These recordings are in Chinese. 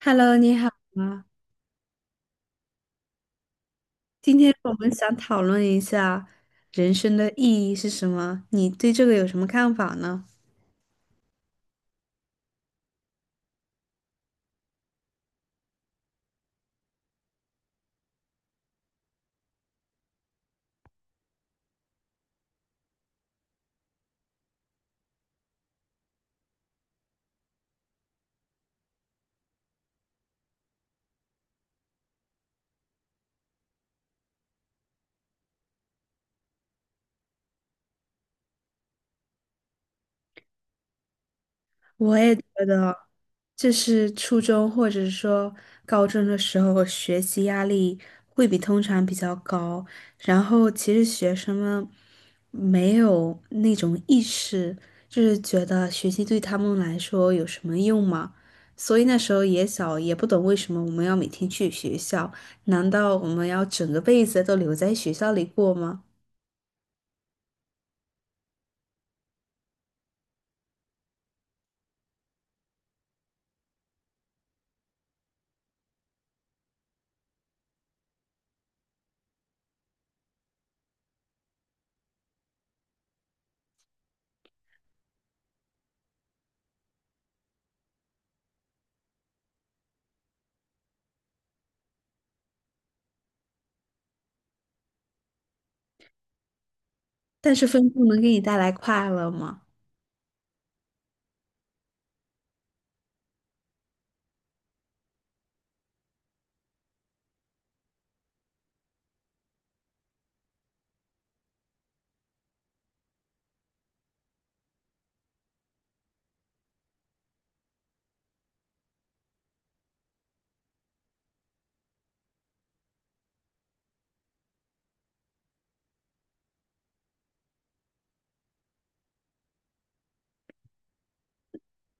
Hello，你好啊！今天我们想讨论一下人生的意义是什么？你对这个有什么看法呢？我也觉得，就是初中或者说高中的时候，学习压力会比通常比较高。然后，其实学生们没有那种意识，就是觉得学习对他们来说有什么用嘛。所以那时候也小，也不懂为什么我们要每天去学校。难道我们要整个辈子都留在学校里过吗？但是分数能给你带来快乐吗？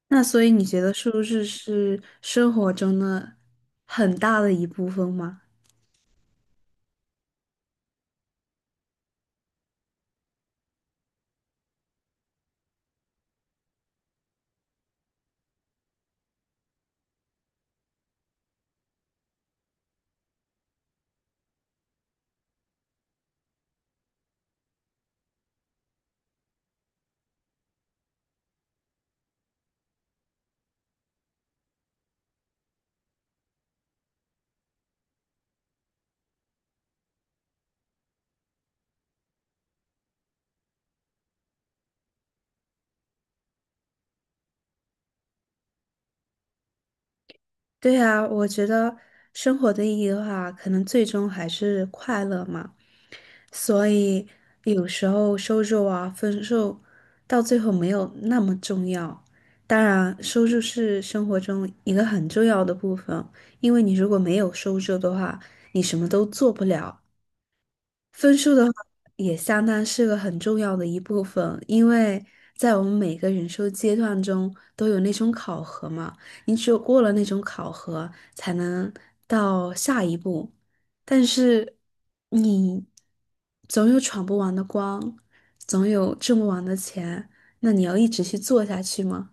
那所以你觉得收入是生活中的很大的一部分吗？对啊，我觉得生活的意义的话，可能最终还是快乐嘛。所以有时候收入啊、分数到最后没有那么重要。当然，收入是生活中一个很重要的部分，因为你如果没有收入的话，你什么都做不了。分数的话，也相当是个很重要的一部分，因为在我们每个人生阶段中都有那种考核嘛，你只有过了那种考核，才能到下一步。但是你总有闯不完的关，总有挣不完的钱，那你要一直去做下去吗？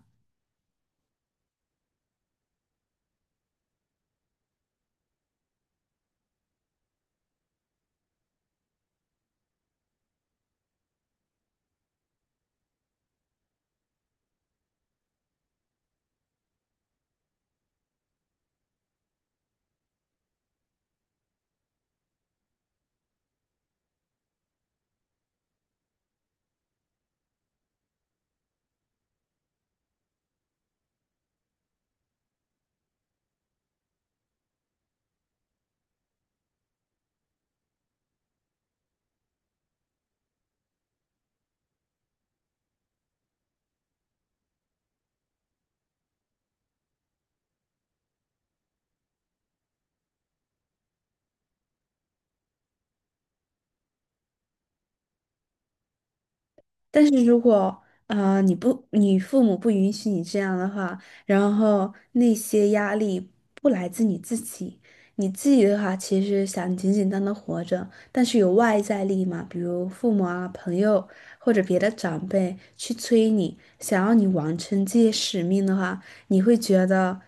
但是如果你父母不允许你这样的话，然后那些压力不来自你自己，你自己的话其实想简简单单活着，但是有外在力嘛，比如父母啊、朋友或者别的长辈去催你，想要你完成这些使命的话，你会觉得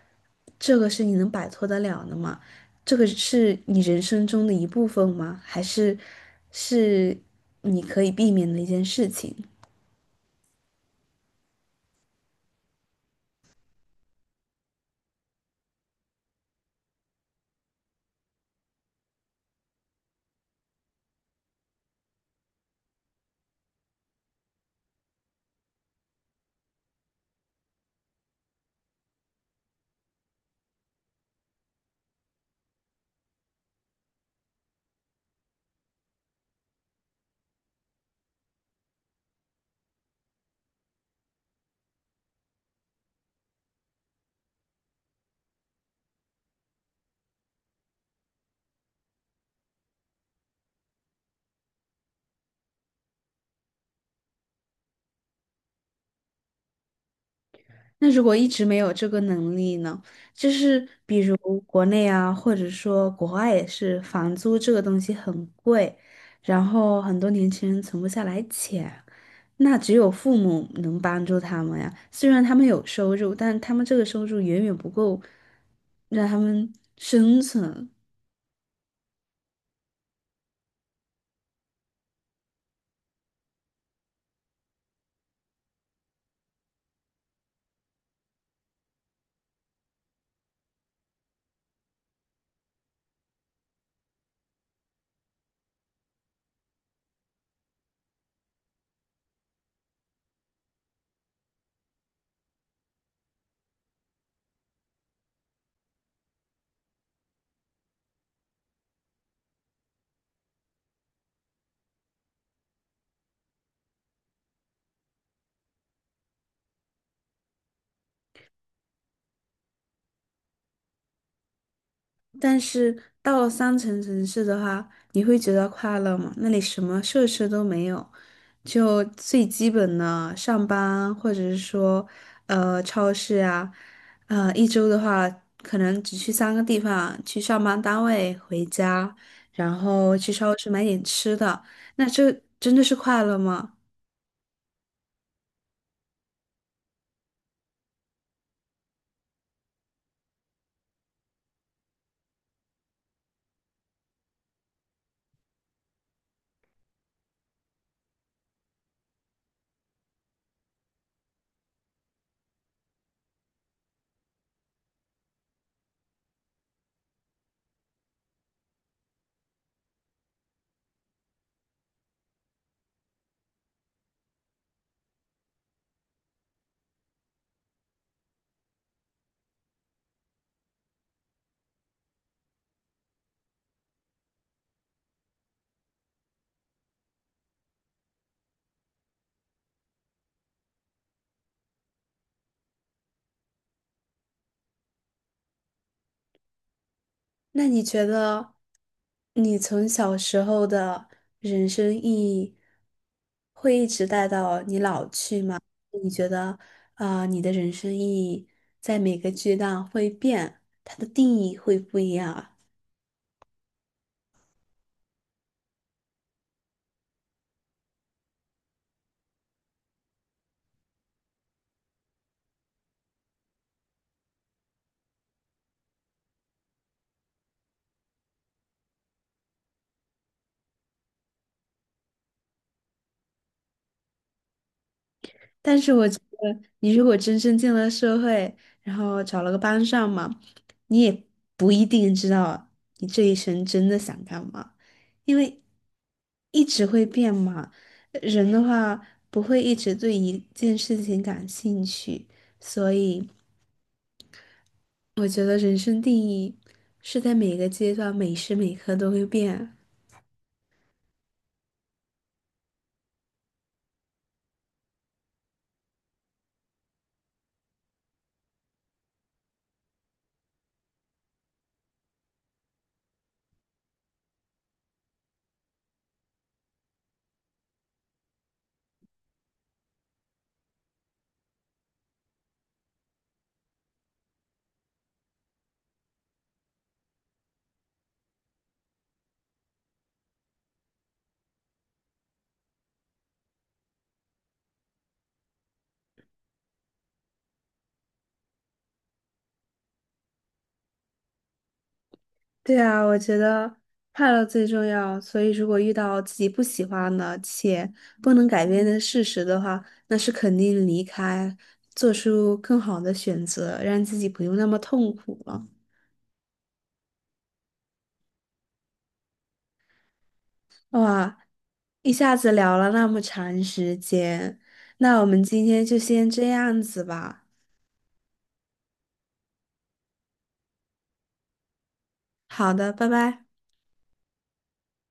这个是你能摆脱得了的吗？这个是你人生中的一部分吗？还是是你可以避免的一件事情？那如果一直没有这个能力呢？就是比如国内啊，或者说国外也是，房租这个东西很贵，然后很多年轻人存不下来钱，那只有父母能帮助他们呀。虽然他们有收入，但他们这个收入远远不够让他们生存。但是到了三层城市的话，你会觉得快乐吗？那里什么设施都没有，就最基本的上班，或者是说，超市啊，一周的话，可能只去三个地方：去上班单位、回家，然后去超市买点吃的。那这真的是快乐吗？那你觉得你从小时候的人生意义会一直带到你老去吗？你觉得，啊，你的人生意义在每个阶段会变，它的定义会不一样啊？但是我觉得，你如果真正进了社会，然后找了个班上嘛，你也不一定知道你这一生真的想干嘛，因为一直会变嘛。人的话不会一直对一件事情感兴趣，所以我觉得人生定义是在每个阶段、每时每刻都会变。对啊，我觉得快乐最重要。所以，如果遇到自己不喜欢的且不能改变的事实的话，那是肯定离开，做出更好的选择，让自己不用那么痛苦了。哇，一下子聊了那么长时间，那我们今天就先这样子吧。好的，拜拜。